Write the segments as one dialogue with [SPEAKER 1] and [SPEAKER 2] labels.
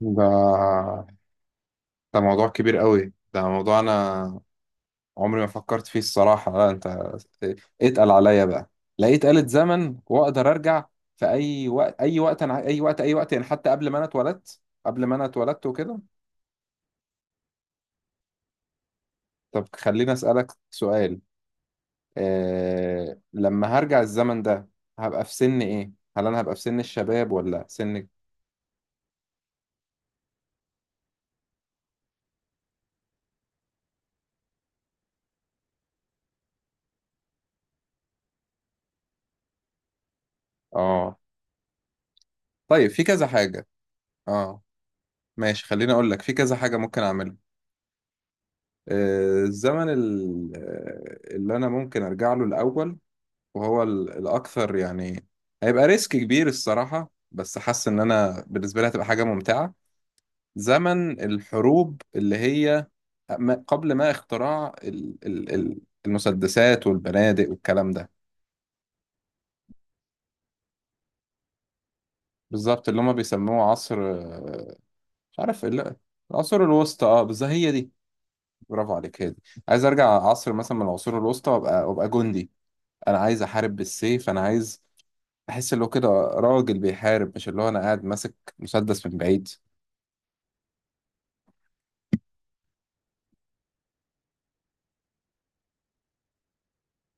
[SPEAKER 1] ده ده موضوع كبير قوي. ده موضوع انا عمري ما فكرت فيه الصراحة. لا انت اتقل عليا بقى. لقيت آلة زمن واقدر ارجع في اي وقت، اي وقت، انا اي وقت اي وقت يعني حتى قبل ما انا اتولدت، قبل ما انا اتولدت وكده. طب خليني اسألك سؤال، إيه لما هرجع الزمن ده هبقى في سن ايه؟ هل انا هبقى في سن الشباب ولا سن؟ اه، طيب في كذا حاجة. اه ماشي، خليني اقول لك، في كذا حاجة ممكن اعملها. الزمن اللي انا ممكن ارجع له الاول، وهو الاكثر يعني، هيبقى ريسك كبير الصراحه، بس حاسس ان انا بالنسبه لي هتبقى حاجه ممتعه. زمن الحروب، اللي هي قبل ما اختراع المسدسات والبنادق والكلام ده. بالظبط، اللي هم بيسموه عصر مش عارف. العصور الوسطى، اه بالظبط هي دي. برافو عليك، هي دي. عايز ارجع عصر مثلا من العصور الوسطى، وابقى جندي. انا عايز احارب بالسيف. انا عايز بحس اللي هو كده راجل بيحارب، مش اللي هو انا قاعد ماسك مسدس من بعيد.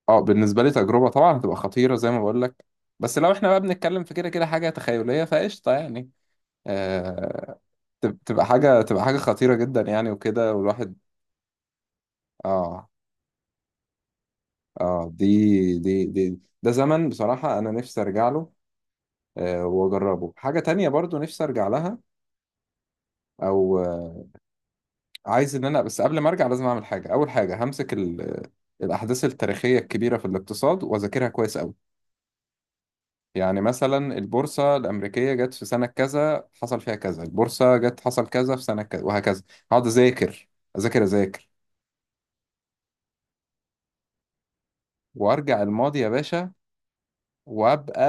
[SPEAKER 1] اه بالنسبه لي تجربه طبعا هتبقى خطيره زي ما بقول لك. بس لو احنا بقى بنتكلم في كده كده حاجه تخيليه فقشطه يعني. آه، تبقى حاجه خطيره جدا يعني وكده والواحد. اه، اه، دي ده زمن بصراحه انا نفسي ارجع له. آه، واجربه. حاجه تانية برضو نفسي ارجع لها، او آه، عايز ان انا بس قبل ما ارجع لازم اعمل حاجه. اول حاجه همسك الاحداث التاريخيه الكبيره في الاقتصاد واذاكرها كويس قوي. يعني مثلا البورصة الأمريكية جت في سنة كذا حصل فيها كذا، البورصة جت حصل كذا في سنة كذا، وهكذا. هقعد أذاكر أذاكر. وأرجع الماضي يا باشا، وأبقى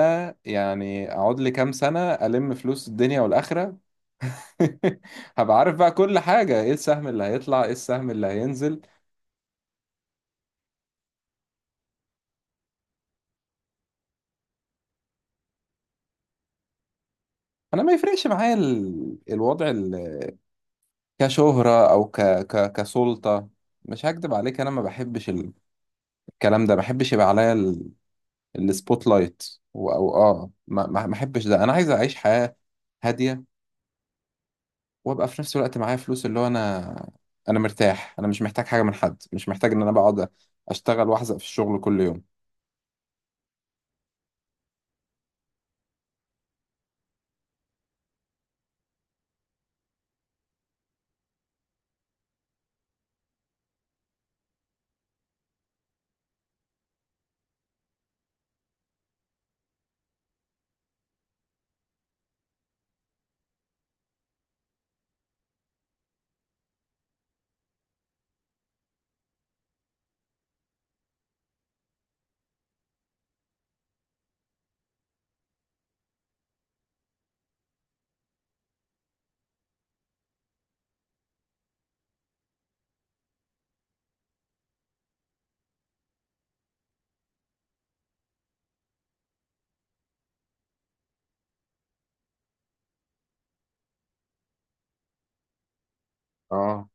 [SPEAKER 1] يعني أقعد لي كام سنة ألم فلوس الدنيا والآخرة. هبقى عارف بقى كل حاجة، إيه السهم اللي هيطلع إيه السهم اللي هينزل. أنا ما يفرقش معايا الوضع كشهرة، أو كسلطة. مش هكدب عليك، أنا ما بحبش الكلام ده، ما بحبش يبقى عليا السبوت لايت. و- او اه ما احبش ده. انا عايز اعيش حياة هادية، وابقى في نفس الوقت معايا فلوس، اللي هو انا مرتاح، انا مش محتاج حاجة من حد، مش محتاج ان انا بقعد اشتغل واحزق في الشغل كل يوم. اه.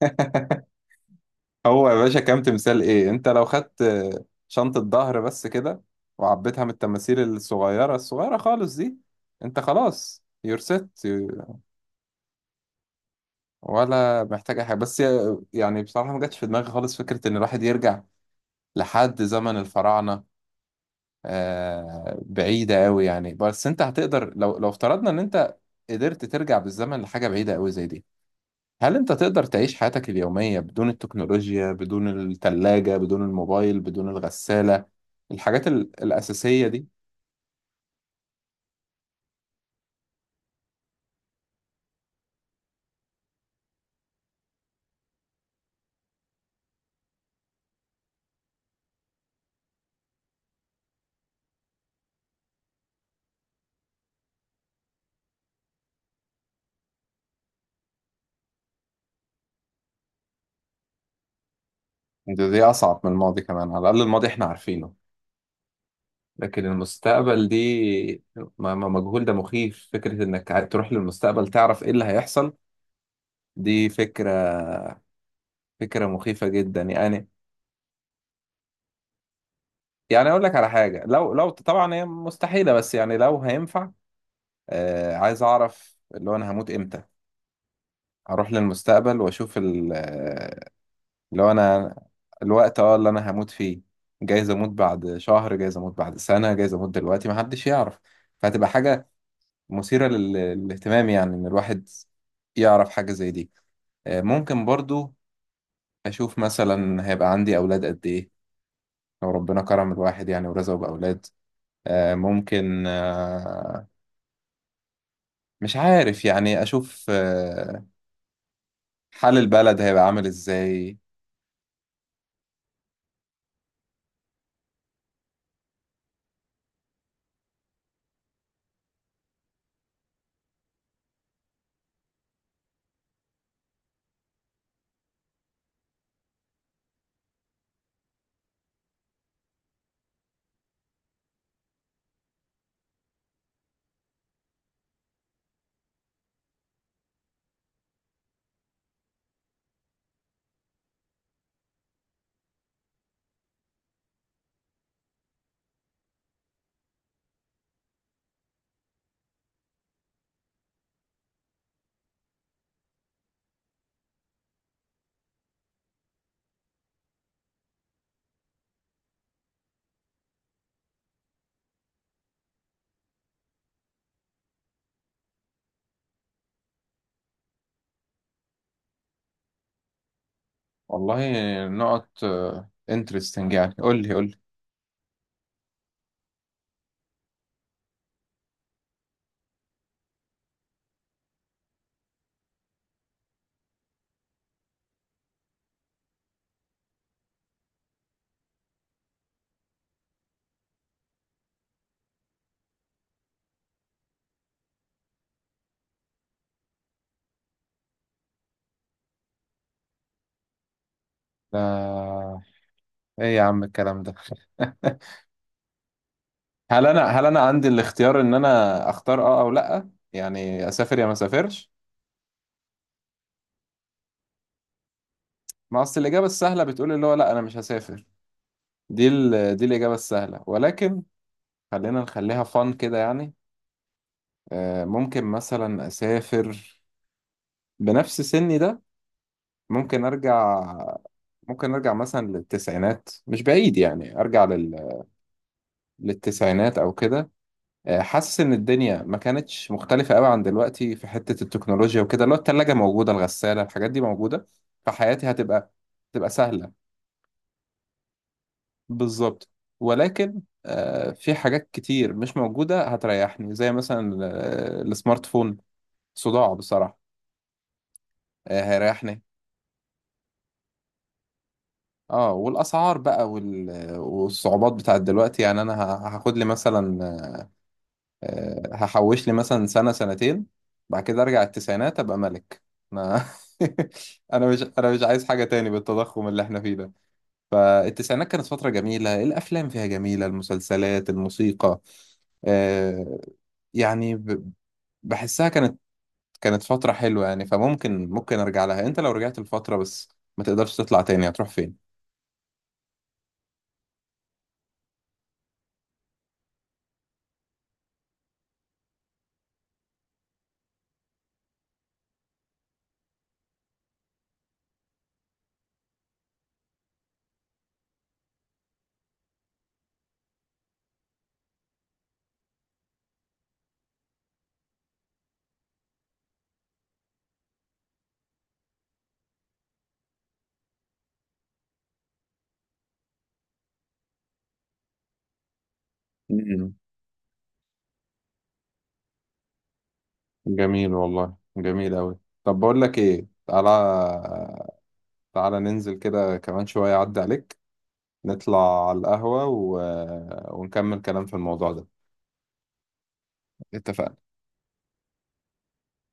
[SPEAKER 1] هو يا باشا كام تمثال ايه، انت لو خدت شنطة ظهر بس كده وعبيتها من التماثيل الصغيرة خالص دي، انت خلاص. you're set. ولا محتاج اي حاجة بس. يعني بصراحة ما جاتش في دماغي خالص فكرة ان الواحد يرجع لحد زمن الفراعنة. بعيدة قوي يعني، بس انت هتقدر، لو لو افترضنا ان انت قدرت ترجع بالزمن لحاجة بعيدة قوي زي دي، هل انت تقدر تعيش حياتك اليومية بدون التكنولوجيا، بدون التلاجة، بدون الموبايل، بدون الغسالة، الحاجات الأساسية دي؟ دي أصعب من الماضي كمان. على الأقل الماضي احنا عارفينه، لكن المستقبل دي مجهول. ده مخيف فكرة انك تروح للمستقبل تعرف ايه اللي هيحصل. دي فكرة، فكرة مخيفة جدا يعني. يعني اقول لك على حاجه، لو لو طبعا هي مستحيله بس يعني لو هينفع، آه عايز اعرف اللي هو انا هموت امتى. اروح للمستقبل واشوف اللي هو انا، الوقت اه اللي انا هموت فيه. جايز اموت بعد شهر، جايز اموت بعد سنه، جايز اموت دلوقتي، محدش يعرف. فهتبقى حاجه مثيره للاهتمام يعني، ان الواحد يعرف حاجه زي دي. آه ممكن برضو اشوف مثلا هيبقى عندي اولاد قد ايه، لو ربنا كرم الواحد يعني ورزقه باولاد. آه، ممكن آه، مش عارف يعني، أشوف حال البلد هيبقى عامل إزاي. والله. نقط انترستنج يعني، قول لي قول لي. لا، إيه يا عم الكلام ده؟ هل أنا عندي الاختيار إن أنا أختار أه أو لأ، يعني أسافر يا ما أسافرش؟ ما أصل الإجابة السهلة بتقول اللي هو لأ أنا مش هسافر، دي الإجابة السهلة، ولكن خلينا نخليها فن كده يعني. ممكن مثلا أسافر بنفس سني ده. ممكن أرجع، ممكن ارجع مثلا للتسعينات، مش بعيد يعني، ارجع للتسعينات او كده. حاسس ان الدنيا ما كانتش مختلفه قوي عن دلوقتي في حته التكنولوجيا وكده، اللي هو الثلاجه موجوده، الغساله، الحاجات دي موجوده، فحياتي هتبقى تبقى سهله بالظبط. ولكن في حاجات كتير مش موجوده هتريحني، زي مثلا السمارت فون صداع بصراحه، هيريحني. اه، والاسعار بقى والصعوبات بتاعت دلوقتي يعني، انا هاخد لي مثلا، هحوش لي مثلا سنة سنتين، بعد كده ارجع التسعينات ابقى ملك انا. انا مش، انا مش عايز حاجة تاني بالتضخم اللي احنا فيه ده. فالتسعينات كانت فترة جميلة، الافلام فيها جميلة، المسلسلات، الموسيقى، آه، يعني بحسها كانت، كانت فترة حلوة يعني، فممكن ممكن ارجع لها. انت لو رجعت الفترة بس ما تقدرش تطلع تاني، هتروح فين؟ مم. جميل والله، جميل أوي. طب بقول لك ايه، تعالى تعالى ننزل كده كمان شوية، أعدي عليك، نطلع على القهوة و... ونكمل كلام في الموضوع ده. اتفقنا.